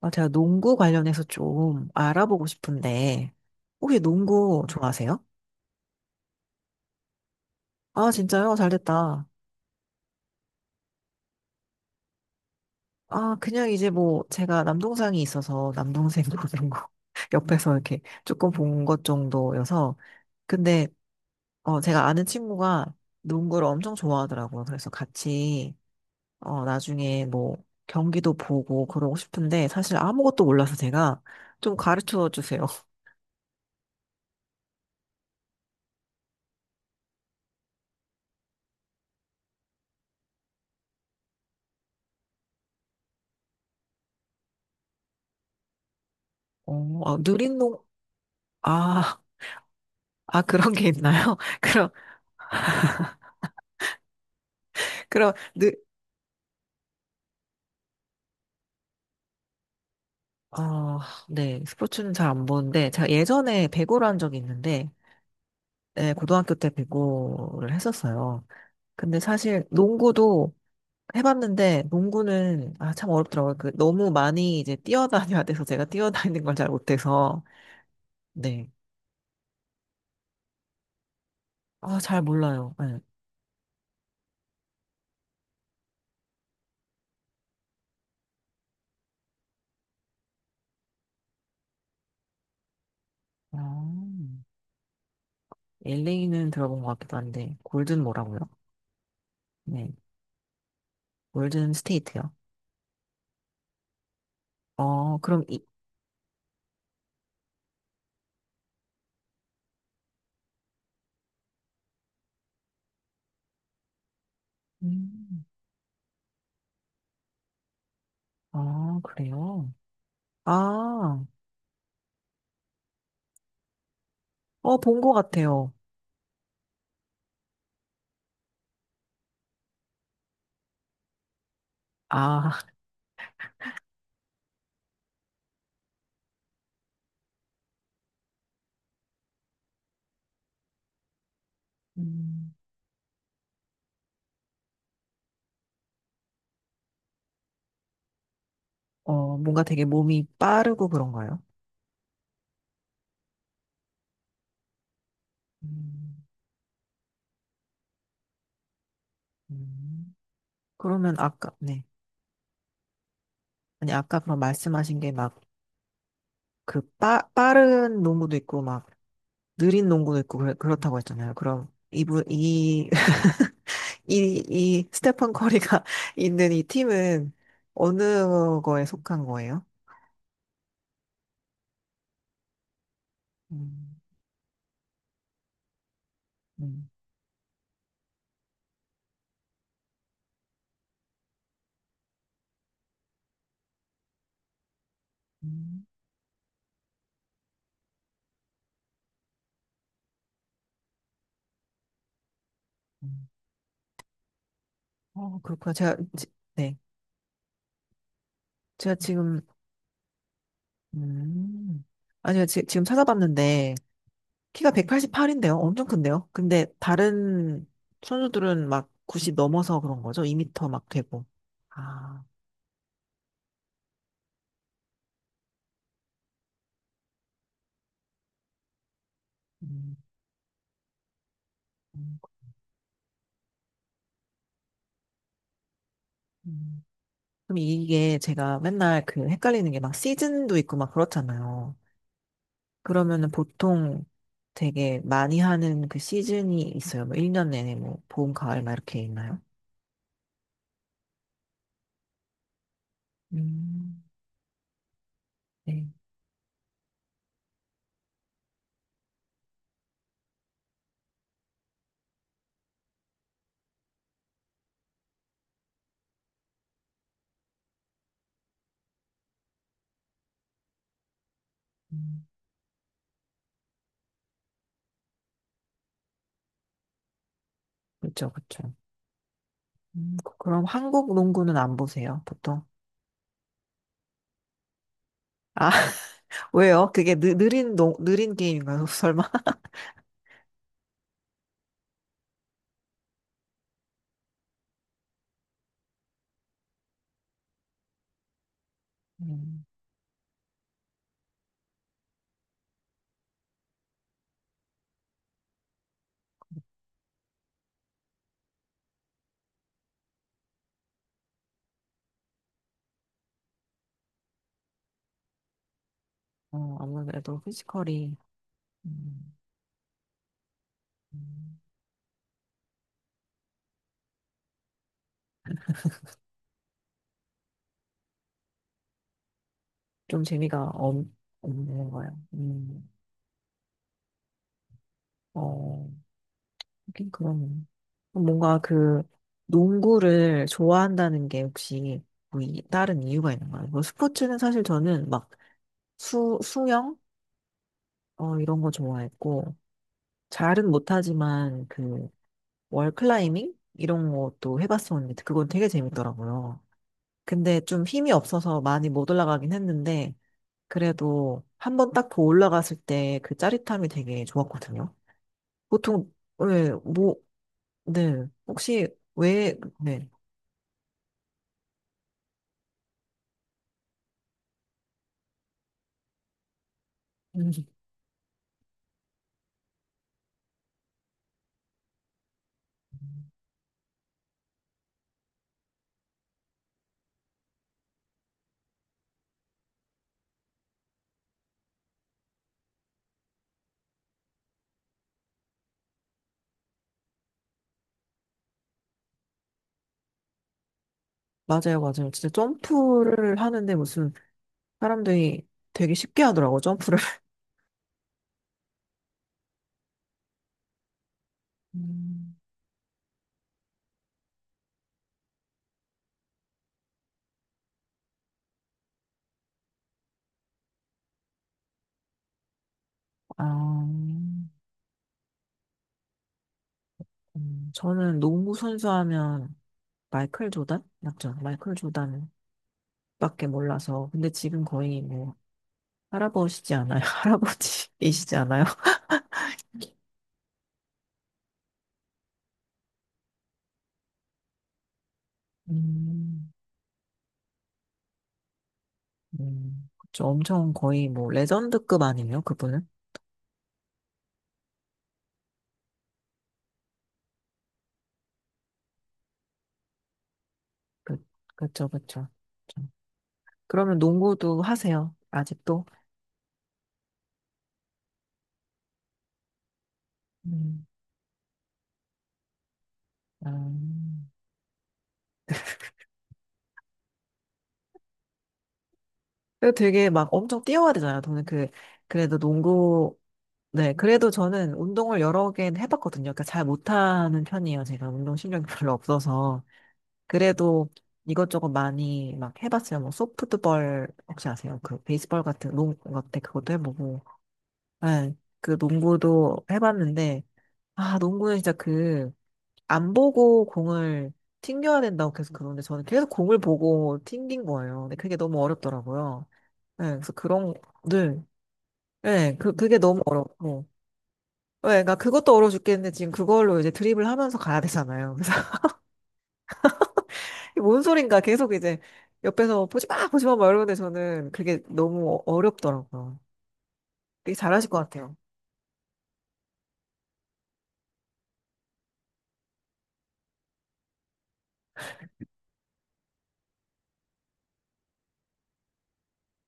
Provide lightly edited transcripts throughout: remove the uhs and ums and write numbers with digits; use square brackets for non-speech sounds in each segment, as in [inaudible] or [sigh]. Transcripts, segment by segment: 아, 제가 농구 관련해서 좀 알아보고 싶은데, 혹시 농구 좋아하세요? 아, 진짜요? 잘 됐다. 아, 그냥 이제 뭐, 제가 남동생이 있어서 남동생 [laughs] 그런 거 옆에서 이렇게 조금 본 것 정도여서, 근데, 제가 아는 친구가 농구를 엄청 좋아하더라고요. 그래서 같이, 나중에 뭐, 경기도 보고 그러고 싶은데, 사실 아무것도 몰라서 제가 좀 가르쳐 주세요. [laughs] 어, 아, 누린 농, 아, 아, 그런 게 있나요? [laughs] 그럼, 어, 네. 스포츠는 잘 안 보는데, 제가 예전에 배구를 한 적이 있는데, 네, 고등학교 때 배구를 했었어요. 근데 사실 농구도 해봤는데, 농구는, 아, 참 어렵더라고요. 그, 너무 많이 이제 뛰어다녀야 돼서 제가 뛰어다니는 걸 잘 못해서, 네. 아, 잘 몰라요. 네. LA는 들어본 것 같기도 한데, 골든 뭐라고요? 네. 골든 스테이트요. 그럼 음, 그래요? 아, 어, 본 것 같아요. 아, 음, 뭔가 되게 몸이 빠르고 그런가요? 음, 음. 그러면 아까, 네. 아니, 아까 그럼 말씀하신 게 막, 빠른 농구도 있고, 막, 느린 농구도 있고, 그렇다고 했잖아요. 그럼, [laughs] 스테판 커리가 [laughs] 있는 이 팀은 어느 거에 속한 거예요? 음, 음, 음, 음. 그렇구나. 네. 제가 지금 음. 아니요, 지금 찾아봤는데, 키가 188인데요? 엄청 큰데요? 근데 다른 선수들은 막 90 넘어서 그런 거죠? 2미터 막 되고. 아, 음, 음, 음. 그럼 이게 제가 맨날 그 헷갈리는 게 막 시즌도 있고 막 그렇잖아요. 그러면은 보통 되게 많이 하는 그 시즌이 있어요. 뭐 1년 내내 뭐 봄, 가을 막 이렇게 있나요? 음, 네. 음, 그렇죠, 그렇죠. 그럼 한국 농구는 안 보세요, 보통? 아, [laughs] 왜요? 그게 느린 게임인가요? [laughs] 설마? 음, 아무래도 피지컬이 음, 음. 좀 재미가 없는 거예요. 어, 하긴 그런 뭔가 그 농구를 좋아한다는 게 혹시 뭐 다른 이유가 있는가요? 뭐 스포츠는 사실 저는 막 수영? 이런 거 좋아했고, 잘은 못하지만 그 월클라이밍? 이런 것도 해봤었는데, 그건 되게 재밌더라고요. 근데 좀 힘이 없어서 많이 못 올라가긴 했는데, 그래도 한 번 딱 더 올라갔을 때 그 짜릿함이 되게 좋았거든요. 보통, 네, 뭐, 네. 혹시 왜, 네. [laughs] 음, 맞아요, 맞아요. 진짜 점프를 하는데 무슨 사람들이 되게 쉽게 하더라고요, 점프를. 음, 아, 저는 농구 선수 하면 마이클 조단? 맞죠? 마이클 조단밖에 몰라서. 근데 지금 거의 뭐, 할아버지지 않아요? [laughs] 할아버지이시지 않아요? 음, 그쵸. 엄청 거의 뭐 레전드급 아니에요, 그분은? 그, 그쵸, 그쵸. 그쵸. 그러면 농구도 하세요, 아직도? 음. 아, 그래도 되게 막 엄청 뛰어야 되잖아요. 저는 그래도 농구, 네, 그래도 저는 운동을 여러 개 해봤거든요. 그러니까 잘 못하는 편이에요. 제가 운동 신경이 별로 없어서. 그래도 이것저것 많이 막 해봤어요. 뭐 소프트볼 혹시 아세요? 그 베이스볼 같은 농구 같은 그것도 해보고. 네, 그 농구도 해봤는데, 아, 농구는 진짜 안 보고 공을 튕겨야 된다고 계속 그러는데, 저는 계속 공을 보고 튕긴 거예요. 근데 그게 너무 어렵더라고요. 네, 그래서 늘, 네, 그게 너무 어렵고. 네, 그러니까 그것도 어려워 죽겠는데, 지금 그걸로 이제 드립을 하면서 가야 되잖아요. 그래서, [laughs] 뭔 소린가 계속 이제 옆에서 보지 마, 보지 마, 막 이러는데 저는 그게 너무 어렵더라고요. 되게 잘하실 것 같아요.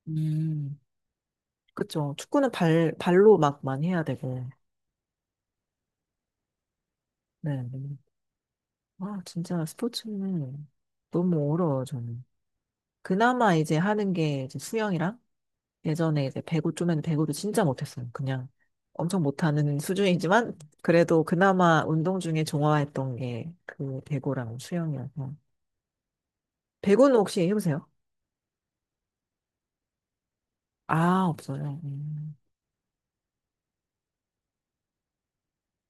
음. 그쵸. 축구는 발로 막 많이 해야 되고. 네. 네. 아, 진짜 스포츠는 너무 어려워요, 저는. 그나마 이제 하는 게 이제 수영이랑 예전에 이제 배구 좀 했는데 배구도 진짜 못했어요. 그냥 엄청 못하는 [laughs] 수준이지만 그래도 그나마 운동 중에 좋아했던 게 그 배구랑 수영이어서. 배구는 혹시 해보세요? 아, 없어요.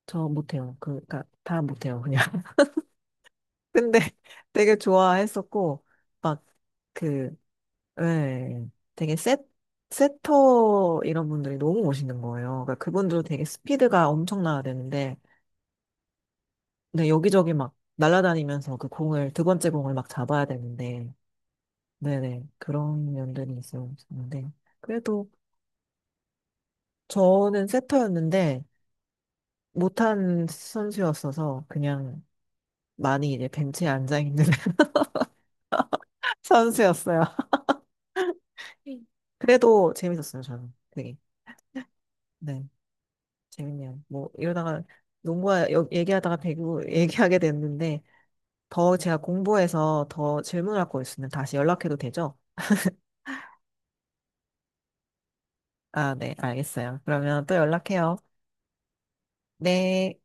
저 못해요. 그니까 다 못해요, 그냥. [laughs] 근데 되게 좋아했었고, 막그 네, 되게 세터 이런 분들이 너무 멋있는 거예요. 그러니까 그분도 되게 스피드가 엄청나야 되는데, 네, 여기저기 막 날아다니면서 그 공을, 두 번째 공을 막 잡아야 되는데, 네네, 그런 면들이 있었는데, 그래도 저는 세터였는데, 못한 선수였어서 그냥 많이 이제 벤치에 앉아있는 [laughs] 선수였어요. 그래도 재밌었어요, 저는. 되게. 네. 재밌네요. 뭐 이러다가 농구와 얘기하다가 배구 [laughs] 얘기하게 됐는데 더 제가 공부해서 더 질문할 거 있으면 다시 연락해도 되죠? 아, 네, 알겠어요. 그러면 또 연락해요. 네.